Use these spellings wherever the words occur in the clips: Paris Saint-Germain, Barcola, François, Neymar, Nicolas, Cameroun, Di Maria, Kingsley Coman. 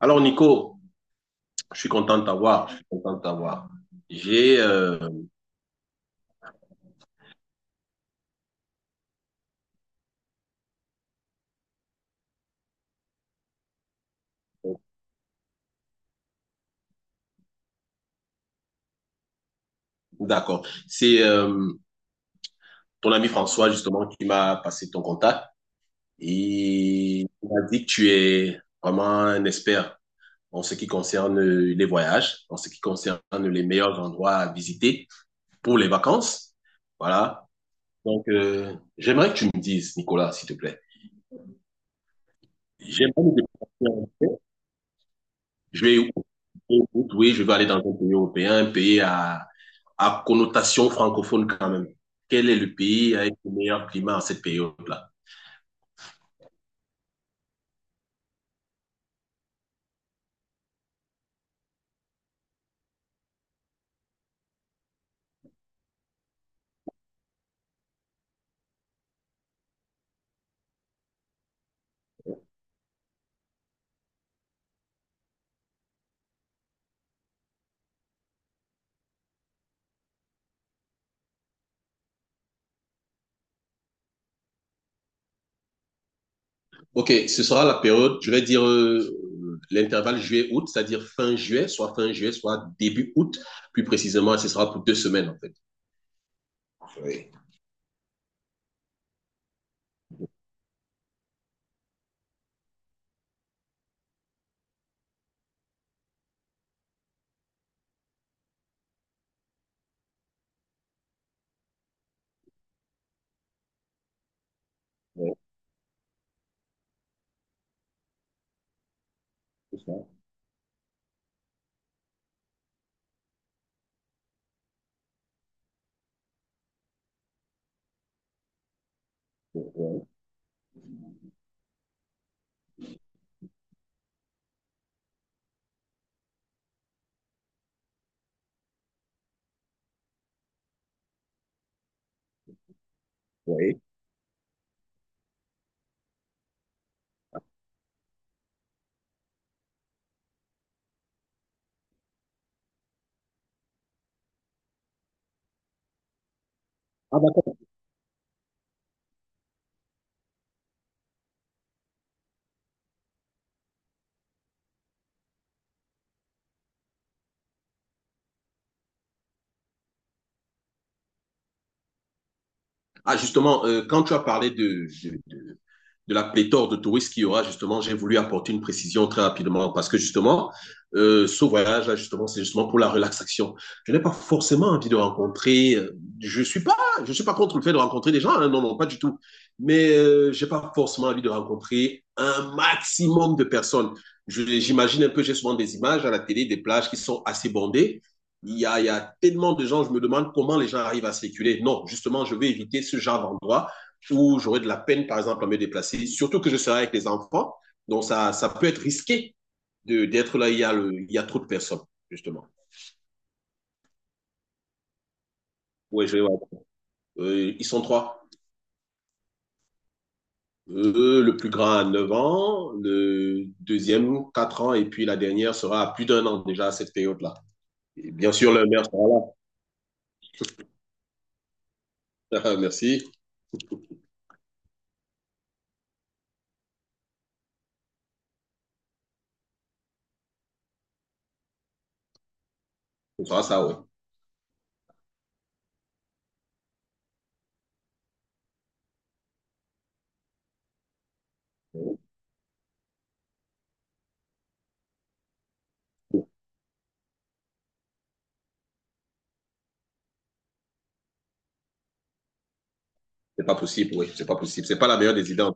Alors, Nico, je suis content de t'avoir. J'ai. D'accord. C'est ton ami François, justement, qui m'a passé ton contact et il m'a dit que tu es vraiment un expert en ce qui concerne les voyages, en ce qui concerne les meilleurs endroits à visiter pour les vacances. Voilà. Donc, j'aimerais que tu me dises, Nicolas, s'il te plaît. J'aimerais me déplacer. Je vais, oui, je vais aller dans un pays européen, un pays à connotation francophone quand même. Quel est le pays avec le meilleur climat en cette période-là? Ok, ce sera la période, je vais dire l'intervalle juillet-août, c'est-à-dire fin juillet, soit début août. Plus précisément, ce sera pour 2 semaines en fait. Oui. Oui, c'est ça. Oui, oui. Ah, d'accord. Ah, justement, quand tu as parlé de la pléthore de touristes qu'il y aura, justement, j'ai voulu apporter une précision très rapidement parce que, justement, ce voyage-là, justement, c'est justement pour la relaxation. Je n'ai pas forcément envie de rencontrer, je suis pas contre le fait de rencontrer des gens, hein, non, non, pas du tout. Mais j'ai pas forcément envie de rencontrer un maximum de personnes. J'imagine un peu, j'ai souvent des images à la télé, des plages qui sont assez bondées. Il y a tellement de gens, je me demande comment les gens arrivent à circuler. Non, justement, je vais éviter ce genre d'endroit où j'aurai de la peine, par exemple, à me déplacer, surtout que je serai avec les enfants. Donc, ça peut être risqué d'être là, il y a trop de personnes, justement. Oui, je vais voir. Ils sont trois. Le plus grand a 9 ans, le deuxième 4 ans, et puis la dernière sera à plus d'1 an déjà à cette période-là. Et bien sûr, le maire sera là. Merci. Ce sera ça, oui. C'est pas possible, oui. C'est pas possible. C'est pas la meilleure des idées.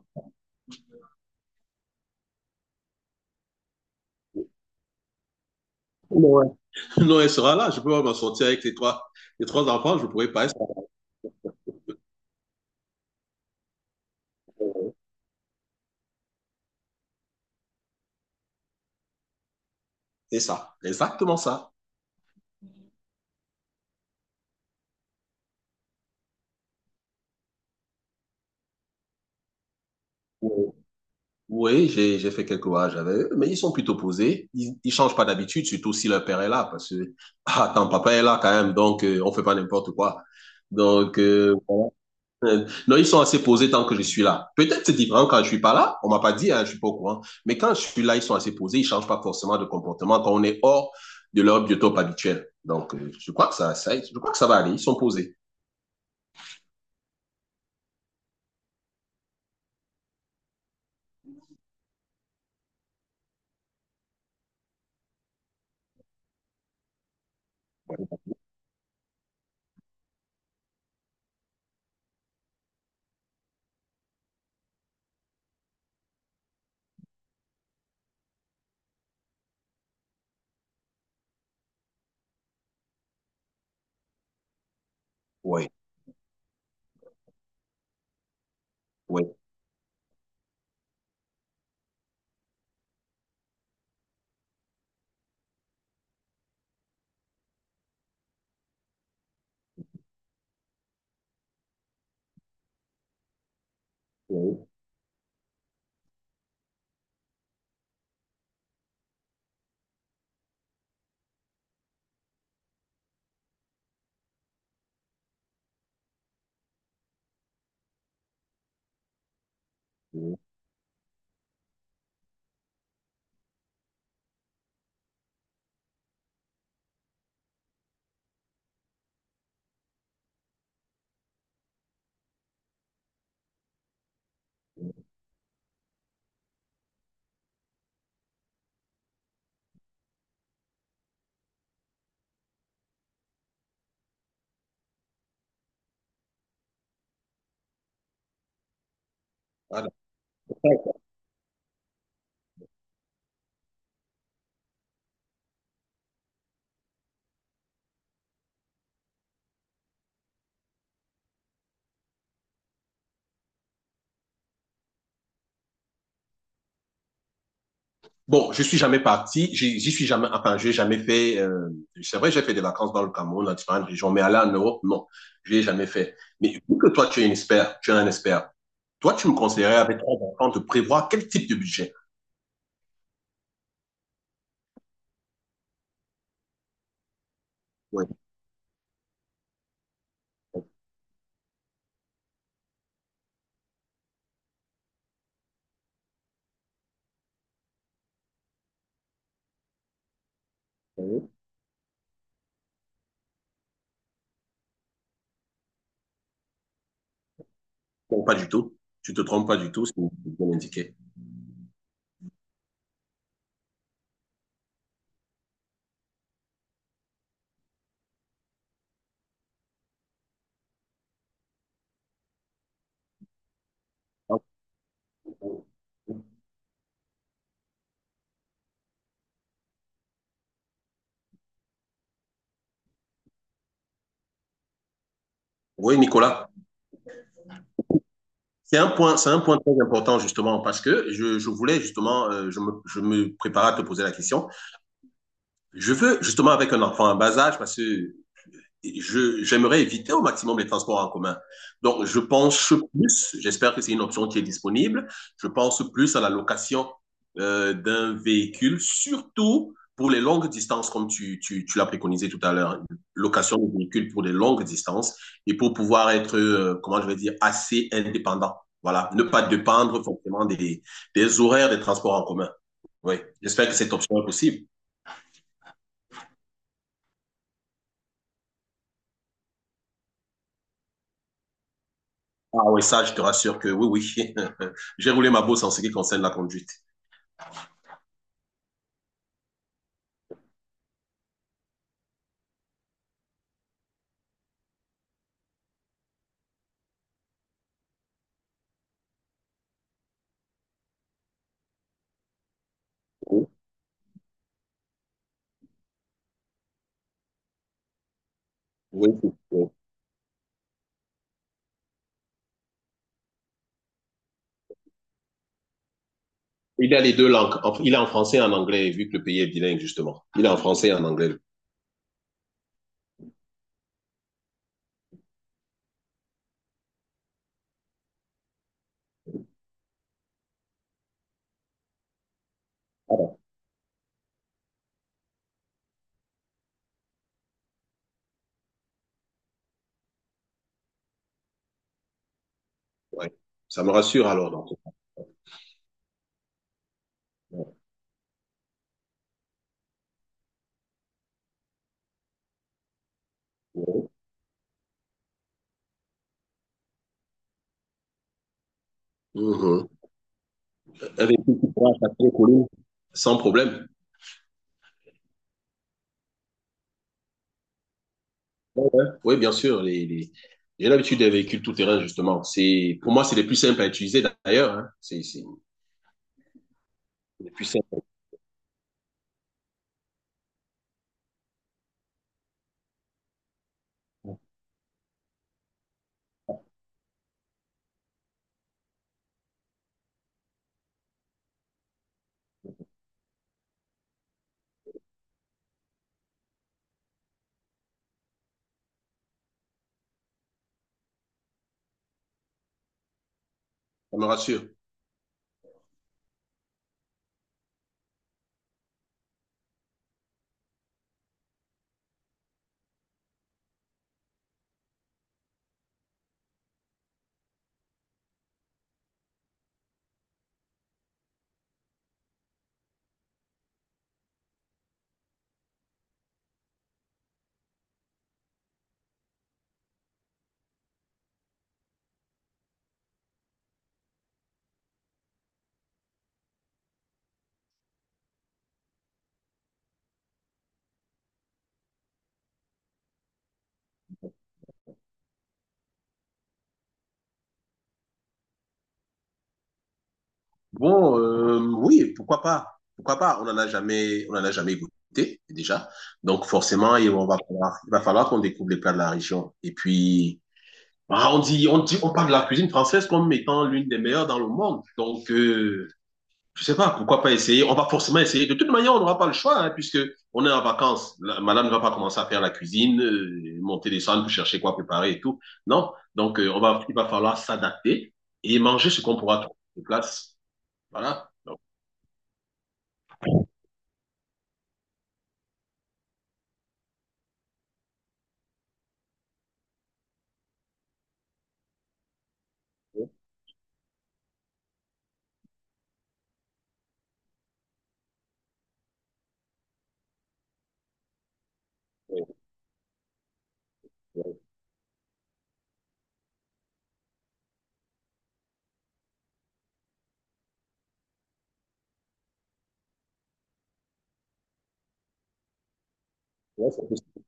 Ouais. Non, elle sera là. Je peux pas m'en sortir avec les trois enfants. Je pourrais pas. C'est ça. Exactement ça. Oui, oui, j'ai fait quelques voyages avec eux, mais ils sont plutôt posés. Ils changent pas d'habitude, surtout si leur père est là, parce que ah, ton papa est là quand même, donc on fait pas n'importe quoi. Donc voilà. Non, ils sont assez posés tant que je suis là. Peut-être c'est différent quand je suis pas là, on m'a pas dit, hein, je suis pas au courant. Mais quand je suis là, ils sont assez posés, ils changent pas forcément de comportement quand on est hors de leur biotope habituel. Donc je crois que ça va aller. Ils sont posés. Oui, oui, oui. Oui. Bon, je suis jamais parti, j'y suis jamais, enfin, j'ai jamais fait, c'est vrai, j'ai fait des vacances dans le Cameroun, dans différentes régions, mais aller en Europe, non, je l'ai jamais fait. Mais vu que toi, tu es un expert, tu es un expert, toi, tu me conseillerais avec trois enfants de prévoir quel type de budget? Oui. Bon, pas du tout. Tu te trompes pas du tout, c'est bien indiqué. Oui, Nicolas. C'est un point très important justement parce que je voulais justement, je me préparais à te poser la question. Je veux justement avec un enfant en bas âge, parce que Je j'aimerais éviter au maximum les transports en commun. Donc, je pense plus, j'espère que c'est une option qui est disponible, je pense plus à la location d'un véhicule, surtout pour les longues distances, comme tu l'as préconisé tout à l'heure, location de véhicules pour des longues distances et pour pouvoir être, comment je vais dire, assez indépendant. Voilà, ne pas dépendre forcément des horaires des transports en commun. Oui, j'espère que cette option est possible. Ah oui, ça, je te rassure que oui, oui. J'ai roulé ma bosse en ce qui concerne la conduite. Oui, oui, oui. Il a les deux langues. En- il est en français et en anglais, vu que le pays est bilingue, justement. Il est en français et en anglais. Ah, bon, ouais. Ça me rassure alors. Dans tout cas. Mhm. Avec tout ce qui tu pourras t'appeler, sans problème. Ouais, ouais. Oui, bien sûr. J'ai l'habitude des véhicules tout-terrain, justement. C'est... Pour moi, c'est les plus simples à utiliser, d'ailleurs. Hein. C'est les plus simples. Ça me rassure. Bon, oui, pourquoi pas? Pourquoi pas? On en a jamais goûté déjà. Donc forcément, il va falloir qu'on découvre les plats de la région. Et puis, ah, on parle de la cuisine française comme étant l'une des meilleures dans le monde. Donc, je sais pas, pourquoi pas essayer? On va forcément essayer. De toute manière, on n'aura pas le choix, hein, puisque on est en vacances. La- madame ne va pas commencer à faire la cuisine, monter les salles pour chercher quoi préparer et tout. Non. Donc, il va falloir s'adapter et manger ce qu'on pourra trouver sur place. Voilà. Oui, oui, oui, oui,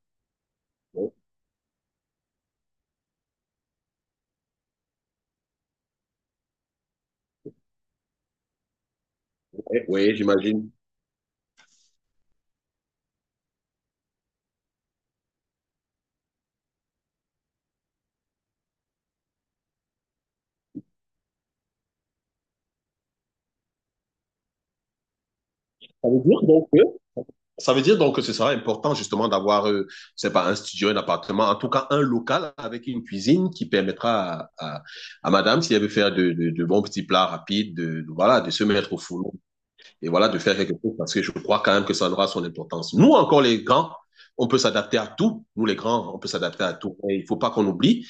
oui, oui, oui, j'imagine. Ça veut dire donc que Ça veut dire donc que ce sera important justement d'avoir, c'est pas un studio, un appartement, en tout cas un local avec une cuisine qui permettra à madame, si elle veut faire de bons petits plats rapides, voilà, de se mettre au four et voilà, de faire quelque chose parce que je crois quand même que ça aura son importance. Nous, encore les grands, on peut s'adapter à tout. Nous, les grands, on peut s'adapter à tout. Et il faut pas qu'on oublie,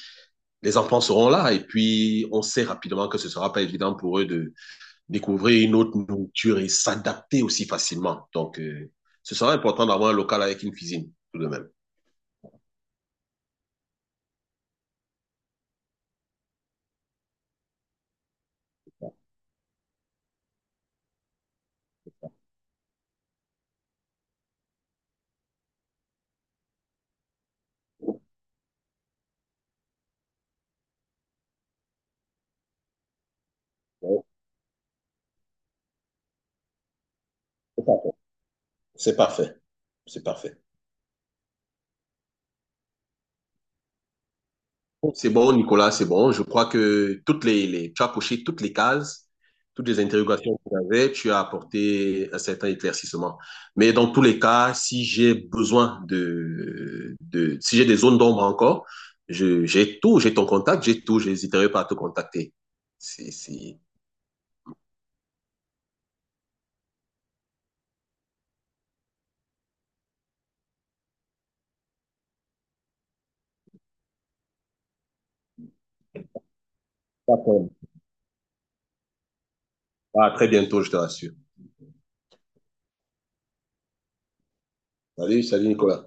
les enfants seront là et puis on sait rapidement que ce sera pas évident pour eux de découvrir une autre nourriture et s'adapter aussi facilement. Donc, ce sera important d'avoir un local avec une cuisine, tout de même. C'est parfait. C'est parfait. C'est bon, Nicolas, c'est bon. Je crois que tu as coché toutes les cases, toutes les interrogations que tu avais, tu as apporté un certain éclaircissement. Mais dans tous les cas, si j'ai besoin de si j'ai des zones d'ombre encore, j'ai tout, j'ai ton contact, j'ai tout, j'hésiterai pas à te contacter. C'est c'est, D'accord. À très bientôt, je te rassure. Salut, salut Nicolas.